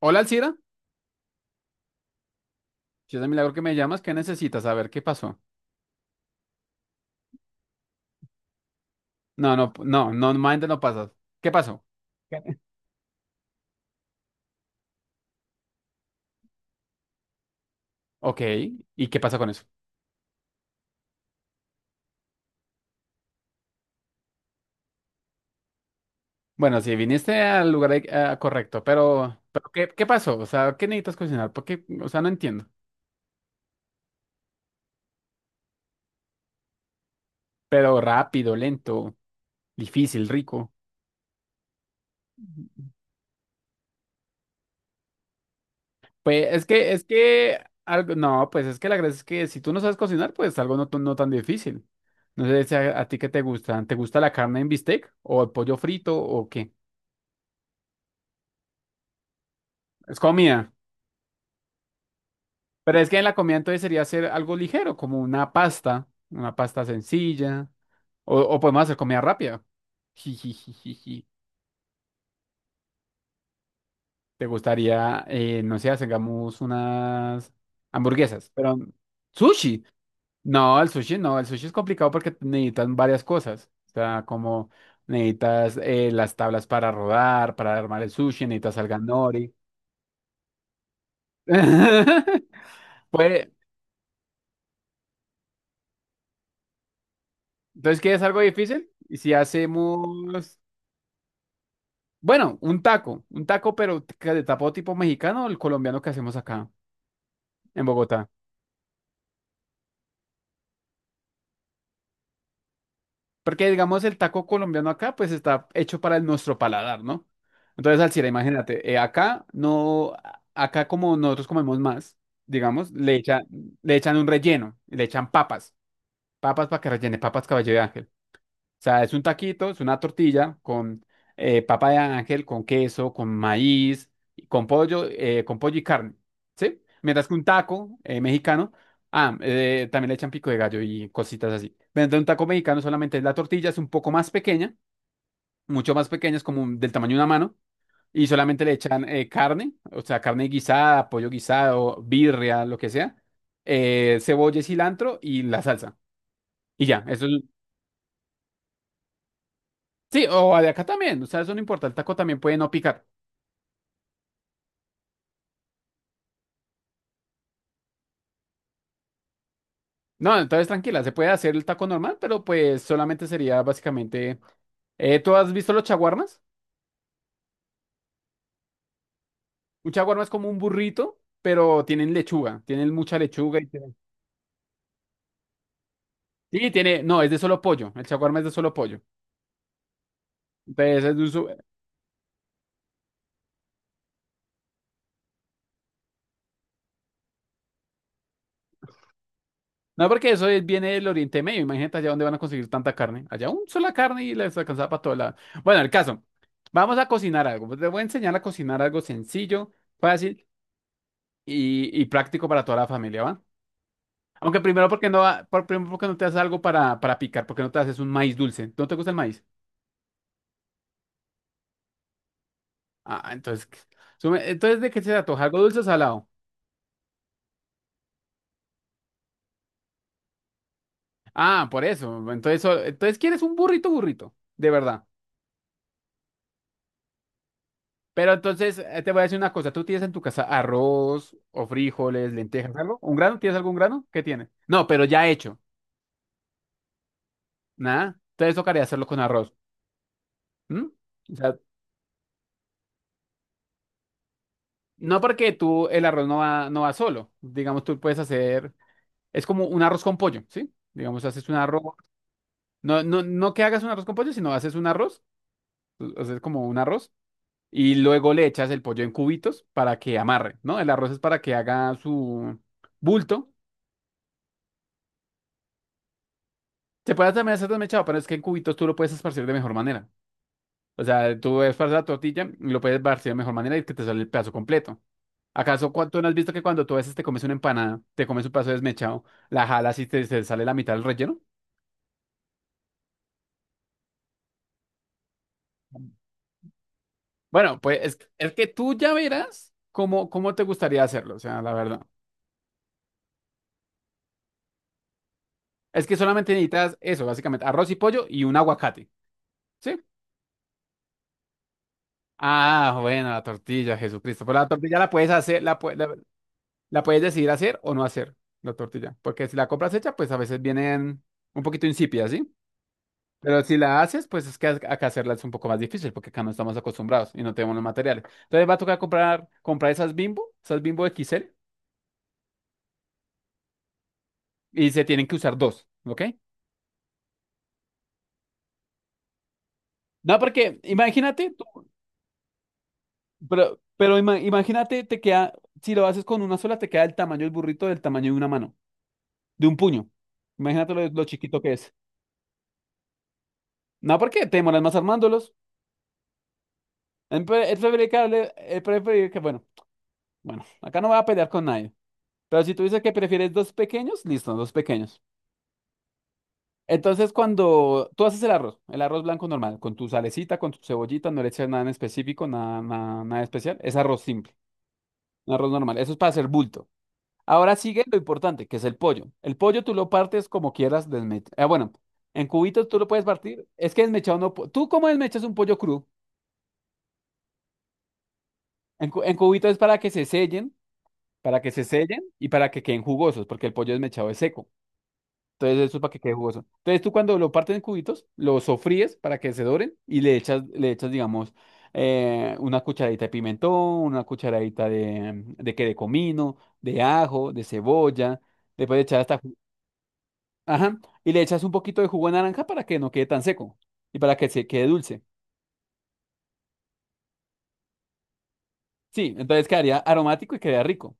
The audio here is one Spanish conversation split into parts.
Hola, Alcira. Si es de milagro que me llamas, ¿qué necesitas? Saber qué pasó. No, no, no, no, normalmente no pasas. ¿Qué pasó? Ok, ¿y qué pasa con eso? Bueno, sí, viniste al lugar correcto, pero ¿qué pasó? O sea, ¿qué necesitas cocinar? Porque, o sea, no entiendo. Pero rápido, lento, difícil, rico. Pues algo, no, pues es que la gracia es que si tú no sabes cocinar, pues algo no, no tan difícil. No sé si a ti qué te gusta. ¿Te gusta la carne en bistec o el pollo frito o qué? Es comida. Pero es que en la comida entonces sería hacer algo ligero, como una pasta sencilla, o podemos hacer comida rápida. Jijijijiji. ¿Te gustaría, no sé, hagamos unas hamburguesas, pero sushi? No, el sushi no, el sushi es complicado porque necesitas varias cosas. O sea, como necesitas las tablas para rodar, para armar el sushi, necesitas alga nori. Pues, entonces, ¿quieres algo difícil? ¿Y si hacemos bueno, un taco, pero que de tapo tipo mexicano, el colombiano que hacemos acá en Bogotá? Porque digamos el taco colombiano acá, pues está hecho para nuestro paladar, ¿no? Entonces, Alcira, imagínate, acá no, acá como nosotros comemos más, digamos, le echan un relleno, le echan papas, papas para que rellene, papas caballo de ángel. O sea, es un taquito, es una tortilla con papa de ángel, con queso, con maíz, y con pollo y carne, ¿sí? Mientras que un taco mexicano, también le echan pico de gallo y cositas así. Mientras un taco mexicano solamente es la tortilla, es un poco más pequeña, mucho más pequeña, es como del tamaño de una mano, y solamente le echan carne, o sea, carne guisada, pollo guisado, birria, lo que sea, cebolla y cilantro y la salsa. Y ya, eso es sí, o de acá también, o sea, eso no importa, el taco también puede no picar. No, entonces tranquila, se puede hacer el taco normal, pero pues solamente sería básicamente... ¿tú has visto los chaguarmas? Un chaguarma es como un burrito, pero tienen lechuga, tienen mucha lechuga y tienen- sí, tiene, no, es de solo pollo, el chaguarma es de solo pollo. Entonces, es de un no, porque eso viene del Oriente Medio, imagínate allá dónde van a conseguir tanta carne. Allá un sola carne y les alcanzaba para todo lado. Bueno, el caso, vamos a cocinar algo. Pues, te voy a enseñar a cocinar algo sencillo, fácil y práctico para toda la familia, ¿va? Aunque primero porque no, primero porque no te haces algo para picar, porque no te haces un maíz dulce. ¿No te gusta el maíz? Ah, entonces, entonces de qué se antoja? ¿Algo dulce o salado? Ah, por eso. Entonces, entonces quieres un burrito, burrito, de verdad. Pero entonces te voy a decir una cosa, ¿tú tienes en tu casa arroz o frijoles, lentejas, algo? ¿Un grano? ¿Tienes algún grano? ¿Qué tienes? No, pero ya hecho. Nada. Entonces tocaría hacerlo con arroz. ¿M? O sea, no porque tú el arroz no va, no va solo. Digamos, tú puedes hacer es como un arroz con pollo, ¿sí? Digamos, haces un arroz. No, no, no que hagas un arroz con pollo, sino haces un arroz, haces como un arroz, y luego le echas el pollo en cubitos para que amarre, ¿no? El arroz es para que haga su bulto. Se puede también hacer desmechado, pero es que en cubitos tú lo puedes esparcir de mejor manera. O sea, tú esparces la tortilla y lo puedes esparcir de mejor manera y que te sale el pedazo completo. ¿Acaso no has visto que cuando tú a veces te comes una empanada, te comes un pedazo desmechado, la jalas y te sale la mitad del relleno? Bueno, pues es que tú ya verás cómo te gustaría hacerlo, o sea, la verdad. Es que solamente necesitas eso, básicamente, arroz y pollo y un aguacate, ¿sí? Ah, bueno, la tortilla, Jesucristo. Pero la tortilla la puedes hacer, la puedes decidir hacer o no hacer, la tortilla. Porque si la compras hecha, pues a veces vienen un poquito insípidas, ¿sí? Pero si la haces, pues es que acá hacerla es un poco más difícil porque acá no estamos acostumbrados y no tenemos los materiales. Entonces va a tocar comprar esas Bimbo XL y se tienen que usar dos, ¿ok? No, porque imagínate, tú- pero, pero imagínate, te queda, si lo haces con una sola, te queda el tamaño del burrito del tamaño de una mano, de un puño. Imagínate lo chiquito que es. No, porque te demoras más armándolos. Es es preferible que, es preferible que, bueno, bueno, acá no voy a pelear con nadie. Pero si tú dices que prefieres dos pequeños, listo, dos pequeños. Entonces, cuando tú haces el arroz blanco normal, con tu salecita, con tu cebollita, no le echas nada en específico, nada, nada, nada especial, es arroz simple, un arroz normal. Eso es para hacer bulto. Ahora sigue lo importante, que es el pollo. El pollo tú lo partes como quieras desmechado. Bueno, en cubitos tú lo puedes partir. Es que desmechado no. ¿Tú cómo desmechas un pollo crudo? En, en cubitos es para que se sellen, para que se sellen y para que queden jugosos, porque el pollo desmechado es seco. Entonces eso es para que quede jugoso. Entonces tú cuando lo partes en cubitos, lo sofríes para que se doren y le echas, digamos, una cucharadita de pimentón, una cucharadita de comino, de ajo, de cebolla. Después echar hasta ajá. Y le echas un poquito de jugo de naranja para que no quede tan seco y para que se quede dulce. Sí, entonces quedaría aromático y quedaría rico.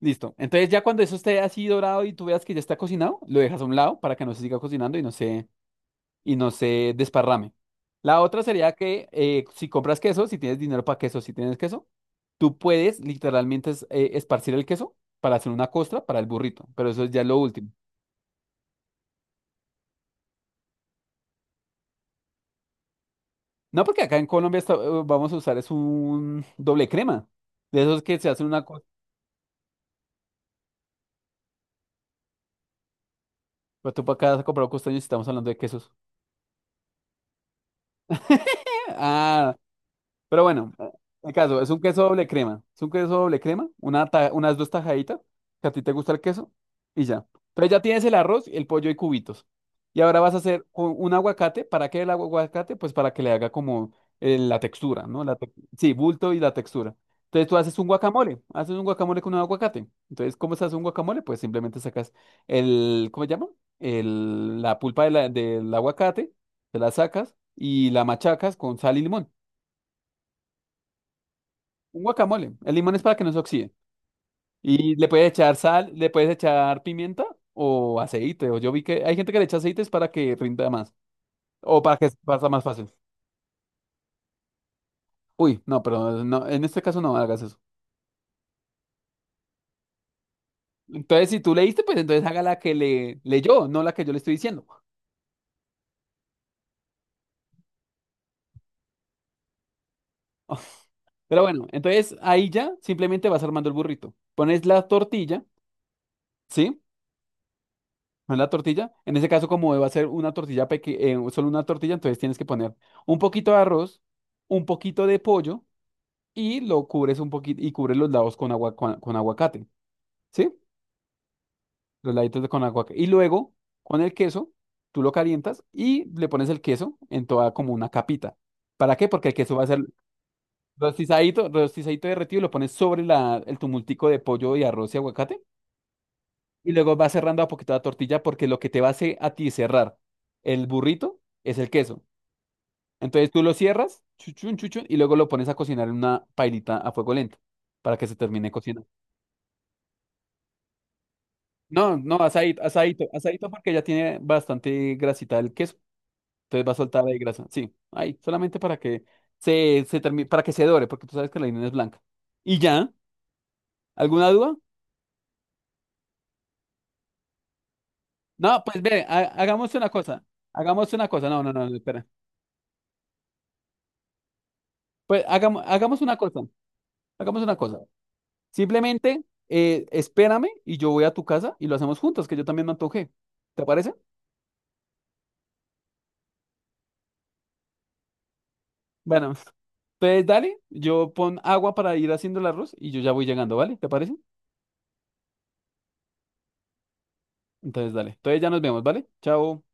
Listo. Entonces ya cuando eso esté así dorado y tú veas que ya está cocinado, lo dejas a un lado para que no se siga cocinando y y no se desparrame. La otra sería que si compras queso, si tienes dinero para queso, si tienes queso, tú puedes literalmente esparcir el queso para hacer una costra para el burrito, pero eso es ya lo último. No, porque acá en Colombia vamos a usar es un doble crema, de esos que se hacen una, pero tú para acá has comprado costeños y estamos hablando de quesos. Ah, pero bueno, el caso, es un queso doble crema. Es un queso doble crema, una unas dos tajaditas, que a ti te gusta el queso, y ya. Entonces ya tienes el arroz, el pollo y cubitos. Y ahora vas a hacer un aguacate. ¿Para qué el aguacate? Pues para que le haga como la textura, ¿no? La sí, bulto y la textura. Entonces tú haces un guacamole con un aguacate. Entonces, ¿cómo se hace un guacamole? Pues simplemente sacas el, ¿cómo se llama? El, la pulpa de del aguacate, te la sacas y la machacas con sal y limón. Un guacamole. El limón es para que no se oxide. Y le puedes echar sal, le puedes echar pimienta o aceite. O yo vi que hay gente que le echa aceites para que rinda más. O para que pasa más fácil. Uy, no, pero no, en este caso no hagas eso. Entonces, si tú leíste, pues entonces haga la que le leyó, no la que yo le estoy diciendo. Pero bueno, entonces ahí ya simplemente vas armando el burrito. Pones la tortilla, ¿sí? Pones la tortilla. En ese caso, como va a ser una tortilla pequeña, solo una tortilla, entonces tienes que poner un poquito de arroz, un poquito de pollo y lo cubres un poquito y cubres los lados con con aguacate, ¿sí? Los laditos con aguacate. Y luego con el queso, tú lo calientas y le pones el queso en toda como una capita. ¿Para qué? Porque el queso va a ser rostizadito, rostizadito derretido y lo pones sobre el tumultico de pollo y arroz y aguacate. Y luego vas cerrando a poquito la tortilla porque lo que te va a hacer a ti cerrar el burrito es el queso. Entonces tú lo cierras, chuchun, chuchun, y luego lo pones a cocinar en una pailita a fuego lento para que se termine cocinando. No, no, asadito, asadito, asadito porque ya tiene bastante grasita el queso, entonces va a soltar ahí grasa. Sí, ahí, solamente para que se termine, para que se dore, porque tú sabes que la harina es blanca. ¿Y ya? ¿Alguna duda? No, pues ve, hagamos una cosa. Hagamos una cosa. No, no, no, no, espera. Pues hagamos una cosa. Hagamos una cosa. Simplemente espérame y yo voy a tu casa y lo hacemos juntos, que yo también me antojé. ¿Te parece? Bueno, entonces dale, yo pon agua para ir haciendo el arroz y yo ya voy llegando, ¿vale? ¿Te parece? Entonces, dale. Entonces ya nos vemos, ¿vale? Chao.